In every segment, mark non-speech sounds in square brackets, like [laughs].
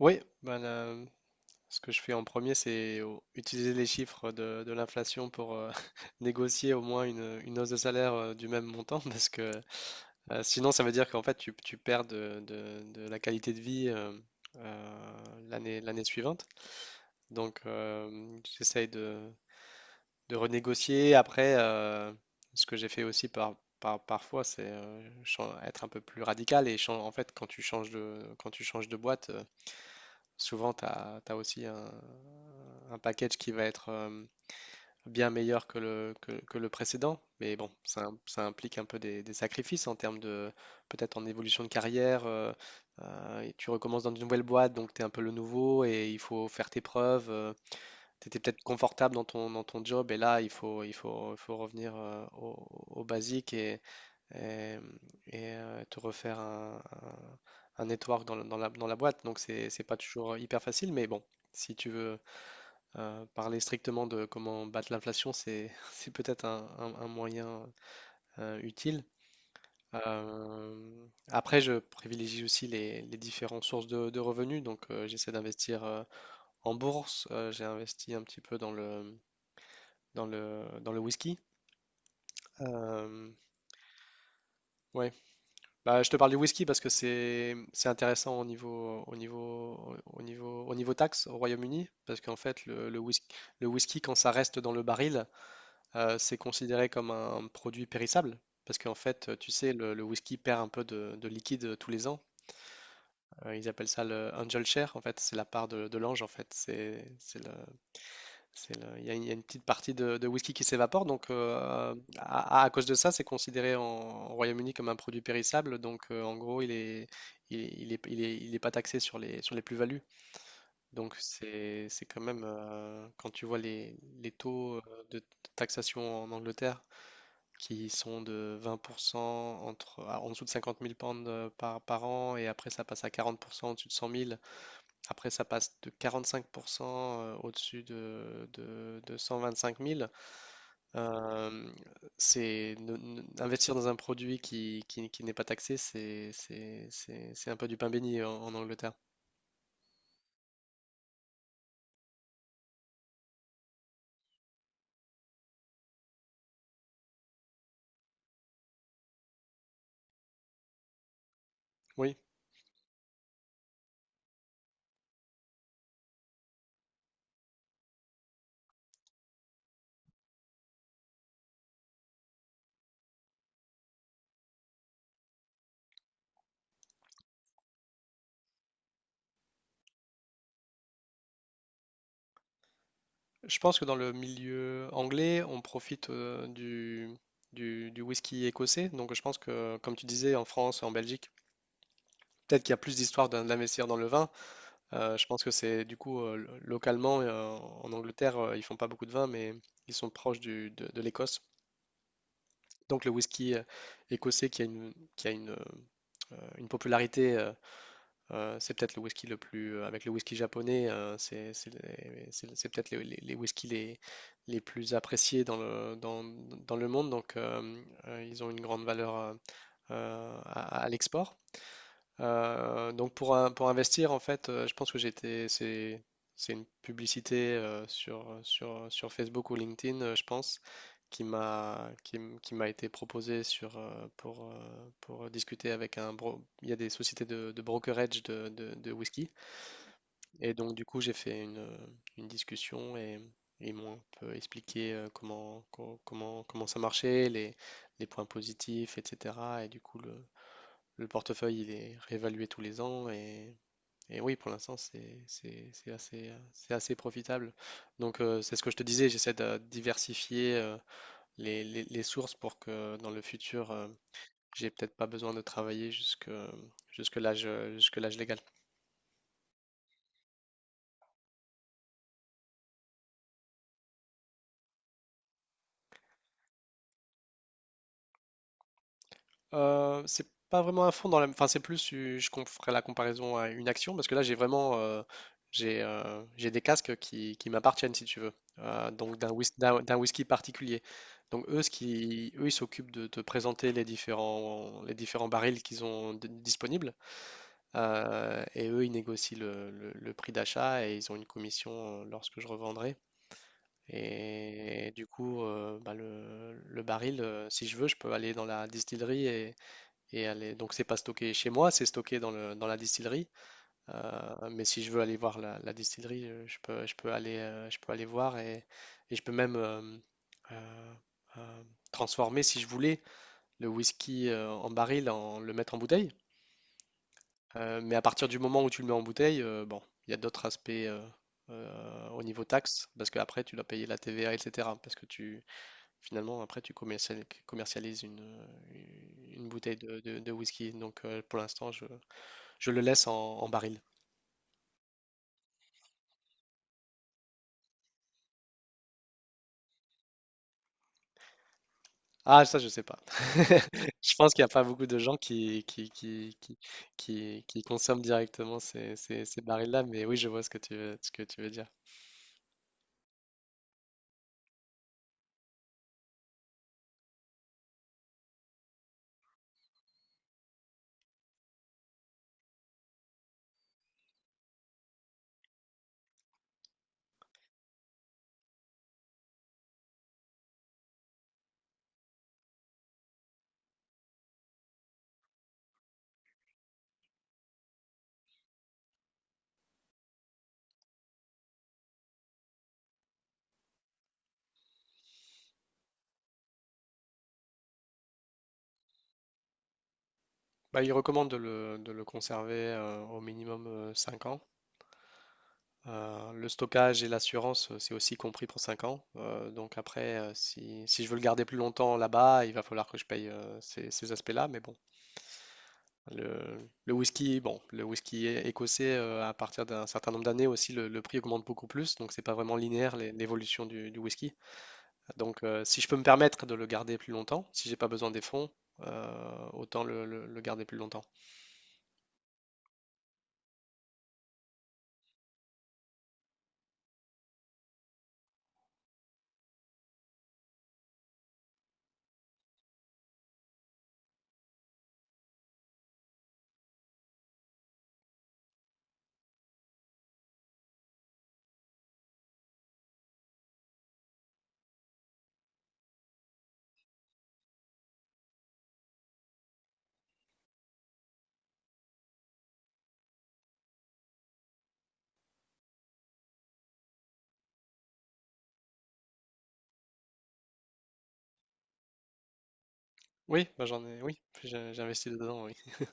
Oui, ben là, ce que je fais en premier, c'est utiliser les chiffres de l'inflation pour [laughs] négocier au moins une hausse de salaire du même montant, [laughs] parce que sinon, ça veut dire qu'en fait, tu perds de la qualité de vie euh, l'année suivante. Donc, j'essaye de renégocier. Après, ce que j'ai fait aussi parfois, c'est être un peu plus radical. Et en fait, quand tu changes de boîte, souvent, tu as, aussi un package qui va être bien meilleur que le précédent, mais bon, ça, ça implique un peu des sacrifices en termes de peut-être en évolution de carrière. Et tu recommences dans une nouvelle boîte, donc tu es un peu le nouveau et il faut faire tes preuves. T'étais peut-être confortable dans ton job et là, il faut revenir au basique et, et te refaire un network dans la boîte. Donc, c'est pas toujours hyper facile, mais bon, si tu veux parler strictement de comment battre l'inflation, c'est [laughs] c'est peut-être un moyen utile. Après, je privilégie aussi les différentes sources de revenus. Donc, j'essaie d'investir en bourse. J'ai investi un petit peu dans le whisky. Euh, ouais. Bah, je te parle du whisky parce que c'est intéressant au niveau taxe au Royaume-Uni. Parce qu'en fait, le whisky, quand ça reste dans le baril, c'est considéré comme un produit périssable. Parce qu'en fait, tu sais, le whisky perd un peu de liquide tous les ans. Ils appellent ça le angel share, en fait, c'est la part de l'ange, en fait. Il y a une petite partie de whisky qui s'évapore, donc à cause de ça, c'est considéré au Royaume-Uni comme un produit périssable. Donc en gros, il est, il est, il est pas taxé sur les plus-values. Donc c'est quand même, quand tu vois les taux de taxation en Angleterre qui sont de 20% en dessous de 50 000 pounds par an, et après ça passe à 40% au-dessus de 100 000. Après ça passe de 45% au-dessus de 125 000. Euh, c'est ne- ne- Investir dans un produit qui n'est pas taxé, c'est un peu du pain béni en Angleterre. Oui, je pense que dans le milieu anglais, on profite du whisky écossais. Donc je pense que, comme tu disais, en France, en Belgique, peut-être qu'il y a plus d'histoire d'investir dans le vin. Je pense que c'est du coup localement en Angleterre, ils font pas beaucoup de vin, mais ils sont proches de l'Écosse. Donc le whisky écossais qui a une popularité, c'est peut-être le whisky le plus, avec le whisky japonais, c'est les- c'est peut-être les whiskies les plus appréciés dans le monde. Donc ils ont une grande valeur à l'export. Donc pour investir, en fait, je pense que c'est une publicité sur Facebook ou LinkedIn, je pense, qui m'a été proposée pour discuter avec un Il y a des sociétés de brokerage de whisky. Et donc, du coup, j'ai fait une discussion et ils m'ont un peu expliqué comment ça marchait, les points positifs, etc. Et du coup, le portefeuille, il est réévalué tous les ans et oui, pour l'instant, c'est assez profitable. Donc, c'est ce que je te disais, j'essaie de diversifier les sources pour que dans le futur, j'ai peut-être pas besoin de travailler jusque l'âge, jusque l'âge légal. C'est pas vraiment un fond Enfin, c'est plus, je ferai la comparaison à une action, parce que là, j'ai vraiment... j'ai des casques qui m'appartiennent, si tu veux, donc d'un whisky particulier. Donc eux, ils s'occupent de te présenter les différents barils qu'ils ont disponibles, et eux, ils négocient le prix d'achat et ils ont une commission lorsque je revendrai. Et du coup, bah, le baril, si je veux, je peux aller dans la distillerie et aller. Donc c'est pas stocké chez moi, c'est stocké dans la distillerie. Mais si je veux aller voir la distillerie, je peux aller voir et je peux même euh, euh, transformer, si je voulais, le whisky en baril, en le mettre en bouteille. Mais à partir du moment où tu le mets en bouteille, bon, il y a d'autres aspects au niveau taxe, parce qu'après tu dois payer la TVA, etc. Parce que finalement, après tu commercialises une bouteille de whisky. Donc pour l'instant, je le laisse en baril. Ah, ça, je sais pas. [laughs] Je pense qu'il n'y a pas beaucoup de gens qui consomment directement ces barils-là, mais oui, je vois ce que tu veux dire. Bah, il recommande de le conserver au minimum 5 ans. Le stockage et l'assurance, c'est aussi compris pour 5 ans. Donc après, si je veux le garder plus longtemps là-bas, il va falloir que je paye ces aspects-là, mais bon, le whisky, bon, le whisky écossais, à partir d'un certain nombre d'années aussi, le prix augmente beaucoup plus, donc c'est pas vraiment linéaire l'évolution du whisky. Donc, si je peux me permettre de le garder plus longtemps, si j'ai pas besoin des fonds, autant le garder plus longtemps. Oui, bah j'en ai, oui, j'ai investi dedans, oui. [laughs]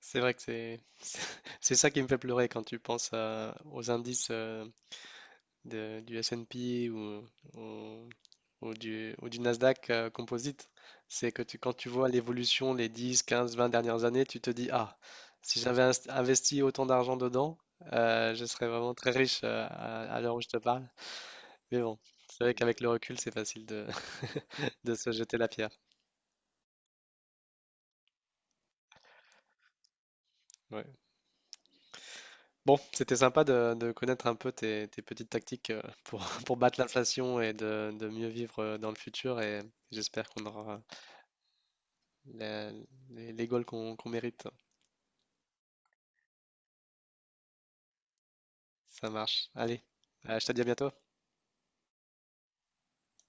C'est vrai que c'est [laughs] c'est ça qui me fait pleurer quand tu penses aux indices du S&P ou- ou du Nasdaq Composite, c'est que quand tu vois l'évolution les 10, 15, 20 dernières années, tu te dis, ah, si j'avais investi autant d'argent dedans, je serais vraiment très riche à l'heure où je te parle. Mais bon, c'est vrai qu'avec le recul, c'est facile de, [laughs] de se jeter la pierre. Ouais. Bon, c'était sympa de connaître un peu tes petites tactiques pour, [laughs] pour battre l'inflation et de mieux vivre dans le futur et j'espère qu'on aura La- les goals qu'on mérite. Ça marche. Allez, je te dis à bientôt.